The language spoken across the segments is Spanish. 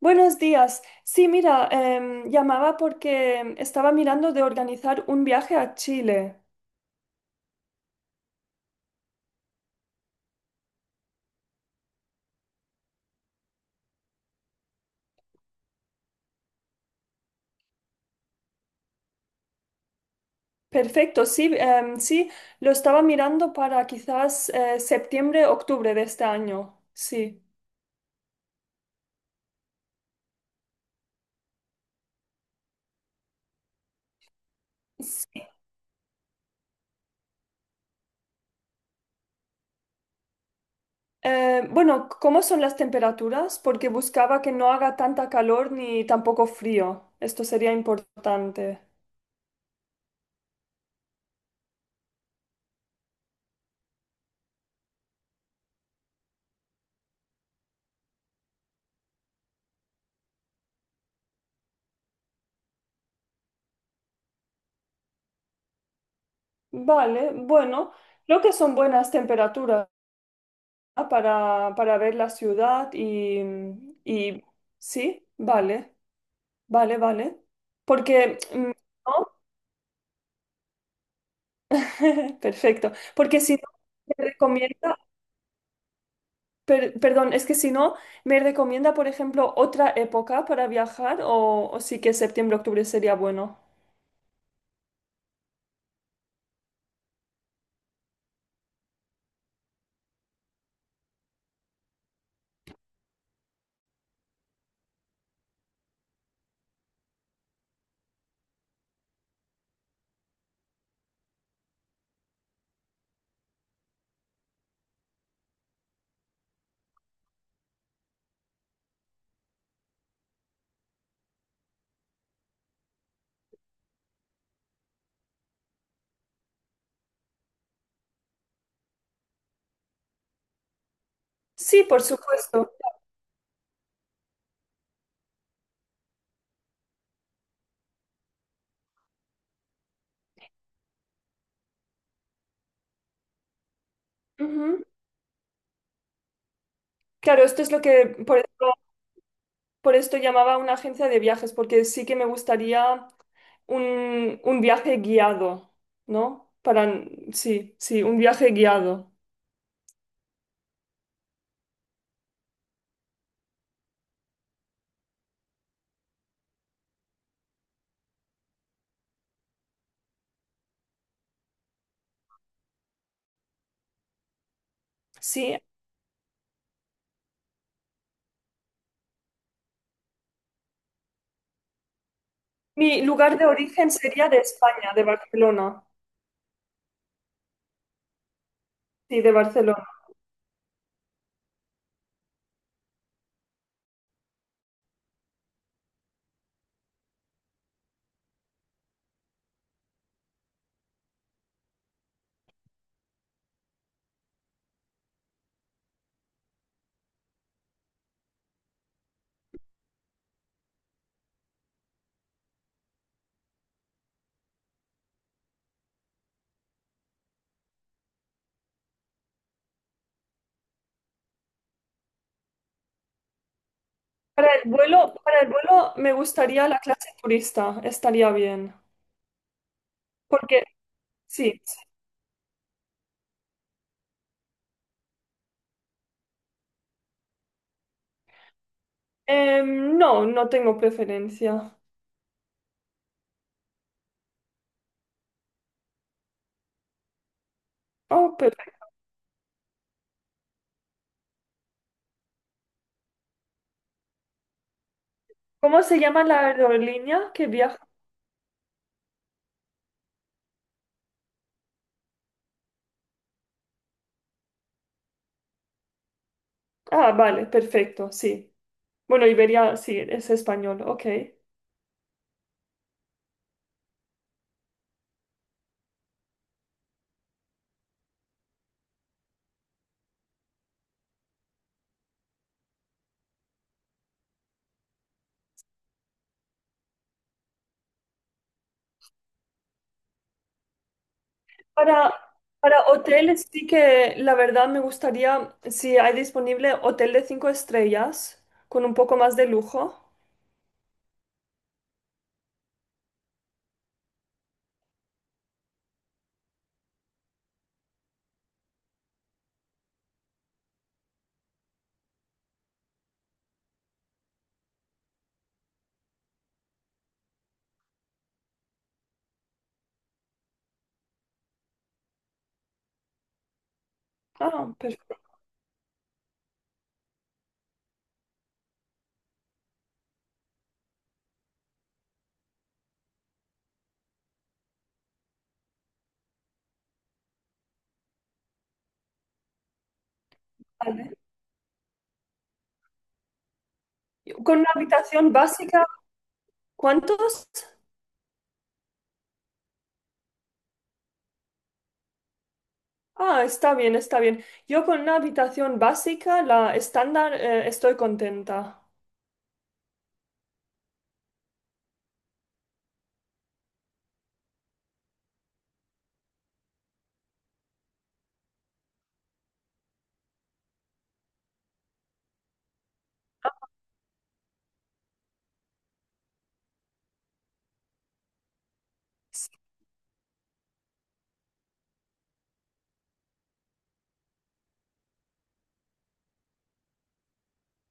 Buenos días. Sí, mira, llamaba porque estaba mirando de organizar un viaje a Chile. Perfecto, sí, lo estaba mirando para quizás septiembre, octubre de este año. Sí. Sí. Bueno, ¿cómo son las temperaturas? Porque buscaba que no haga tanta calor ni tampoco frío. Esto sería importante. Vale, bueno, creo que son buenas temperaturas. Ah, para ver la ciudad y sí, vale, vale, vale. Porque, mm, ¿no? Perfecto. Porque si no, me recomienda, perdón, es que si no, me recomienda, por ejemplo, otra época para viajar o sí que septiembre, octubre sería bueno. Sí, por supuesto. Ujú. Claro, esto es lo que, por esto llamaba a una agencia de viajes, porque sí que me gustaría un viaje guiado, ¿no? Para, sí, sí, un viaje guiado. Sí. Mi lugar de origen sería de España, de Barcelona. Sí, de Barcelona. Para el vuelo me gustaría la clase turista, estaría bien. Porque, sí. sí. No, no tengo preferencia. Oh, perfecto. ¿Cómo se llama la aerolínea que viaja? Ah, vale, perfecto, sí. Bueno, Iberia, sí, es español, ok. Para, para hoteles sí que la verdad me gustaría, si hay disponible, hotel de cinco estrellas con un poco más de lujo. Ah, perfecto. Vale. Con una habitación básica, ¿cuántos? Ah, está bien, está bien. Yo con una habitación básica, la estándar, estoy contenta.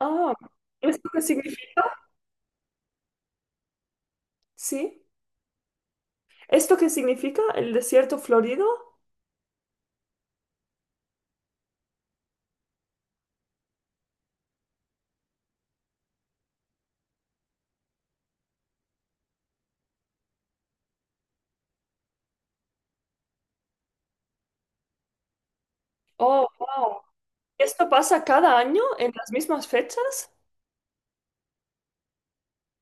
Ah, ¿esto qué significa? ¿Sí? ¿Esto qué significa? ¿El desierto florido? Oh, wow. ¿Esto pasa cada año en las mismas fechas?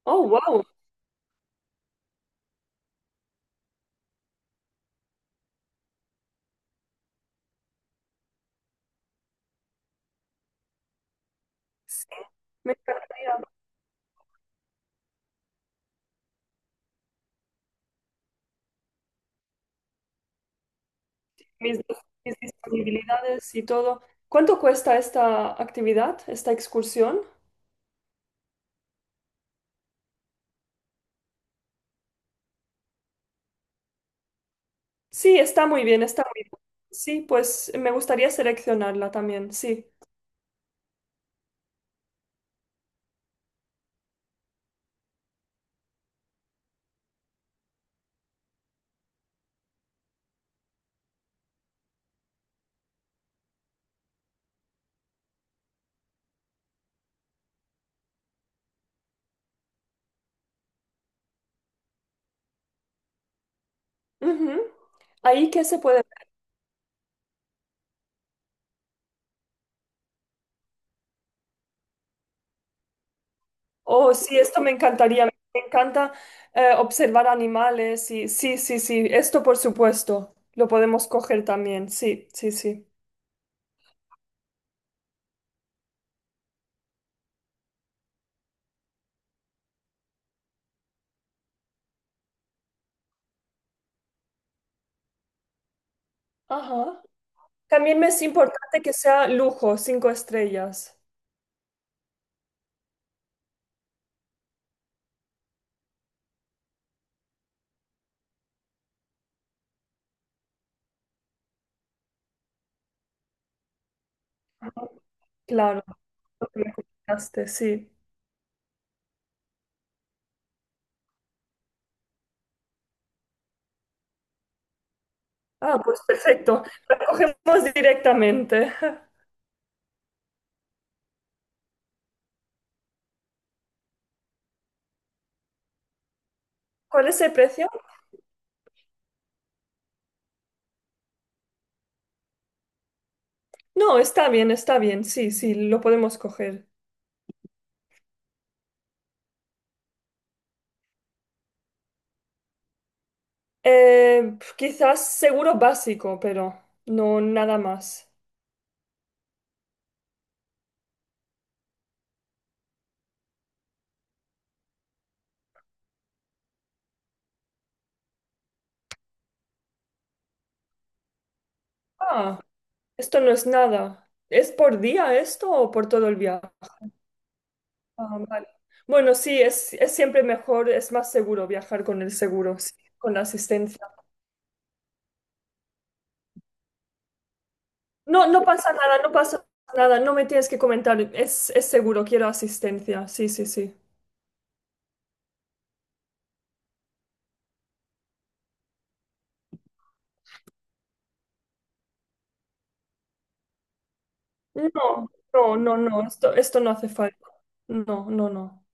Oh, wow. Sí, me encantaría ver. Mis, mis disponibilidades y todo. ¿Cuánto cuesta esta actividad, esta excursión? Sí, está muy bien, está muy bien. Sí, pues me gustaría seleccionarla también, sí. Ujú. ¿Ahí qué se puede ver? Oh, sí, esto me encantaría. Me encanta observar animales y sí, sí, sí. Esto por supuesto. Lo podemos coger también. Sí, sí, sí. Ajá. También me es importante que sea lujo, cinco estrellas. Ajá. Claro, lo que me comentaste, sí. Ah, pues perfecto. La cogemos directamente. ¿Cuál es el precio? No, está bien, está bien. Sí, sí, lo podemos coger. Quizás seguro básico, pero no nada más. Ah, esto no es nada. ¿Es por día esto o por todo el viaje? Ah, vale. Bueno, sí, es siempre mejor, es más seguro viajar con el seguro, sí, con la asistencia. No, no pasa nada, no pasa nada, no me tienes que comentar, es seguro, quiero asistencia, sí, sí, sí. No, no, no, no, esto no hace falta. No, no, no.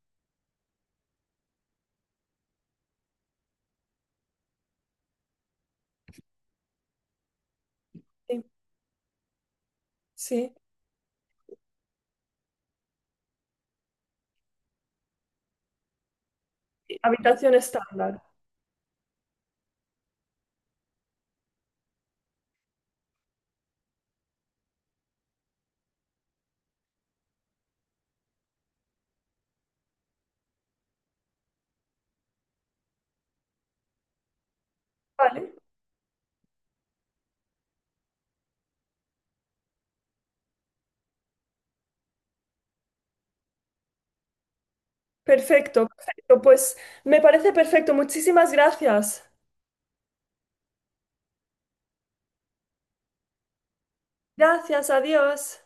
Sí, sí. Sí, habitación estándar. Vale, perfecto, perfecto. Pues me parece perfecto, muchísimas gracias. Gracias, adiós.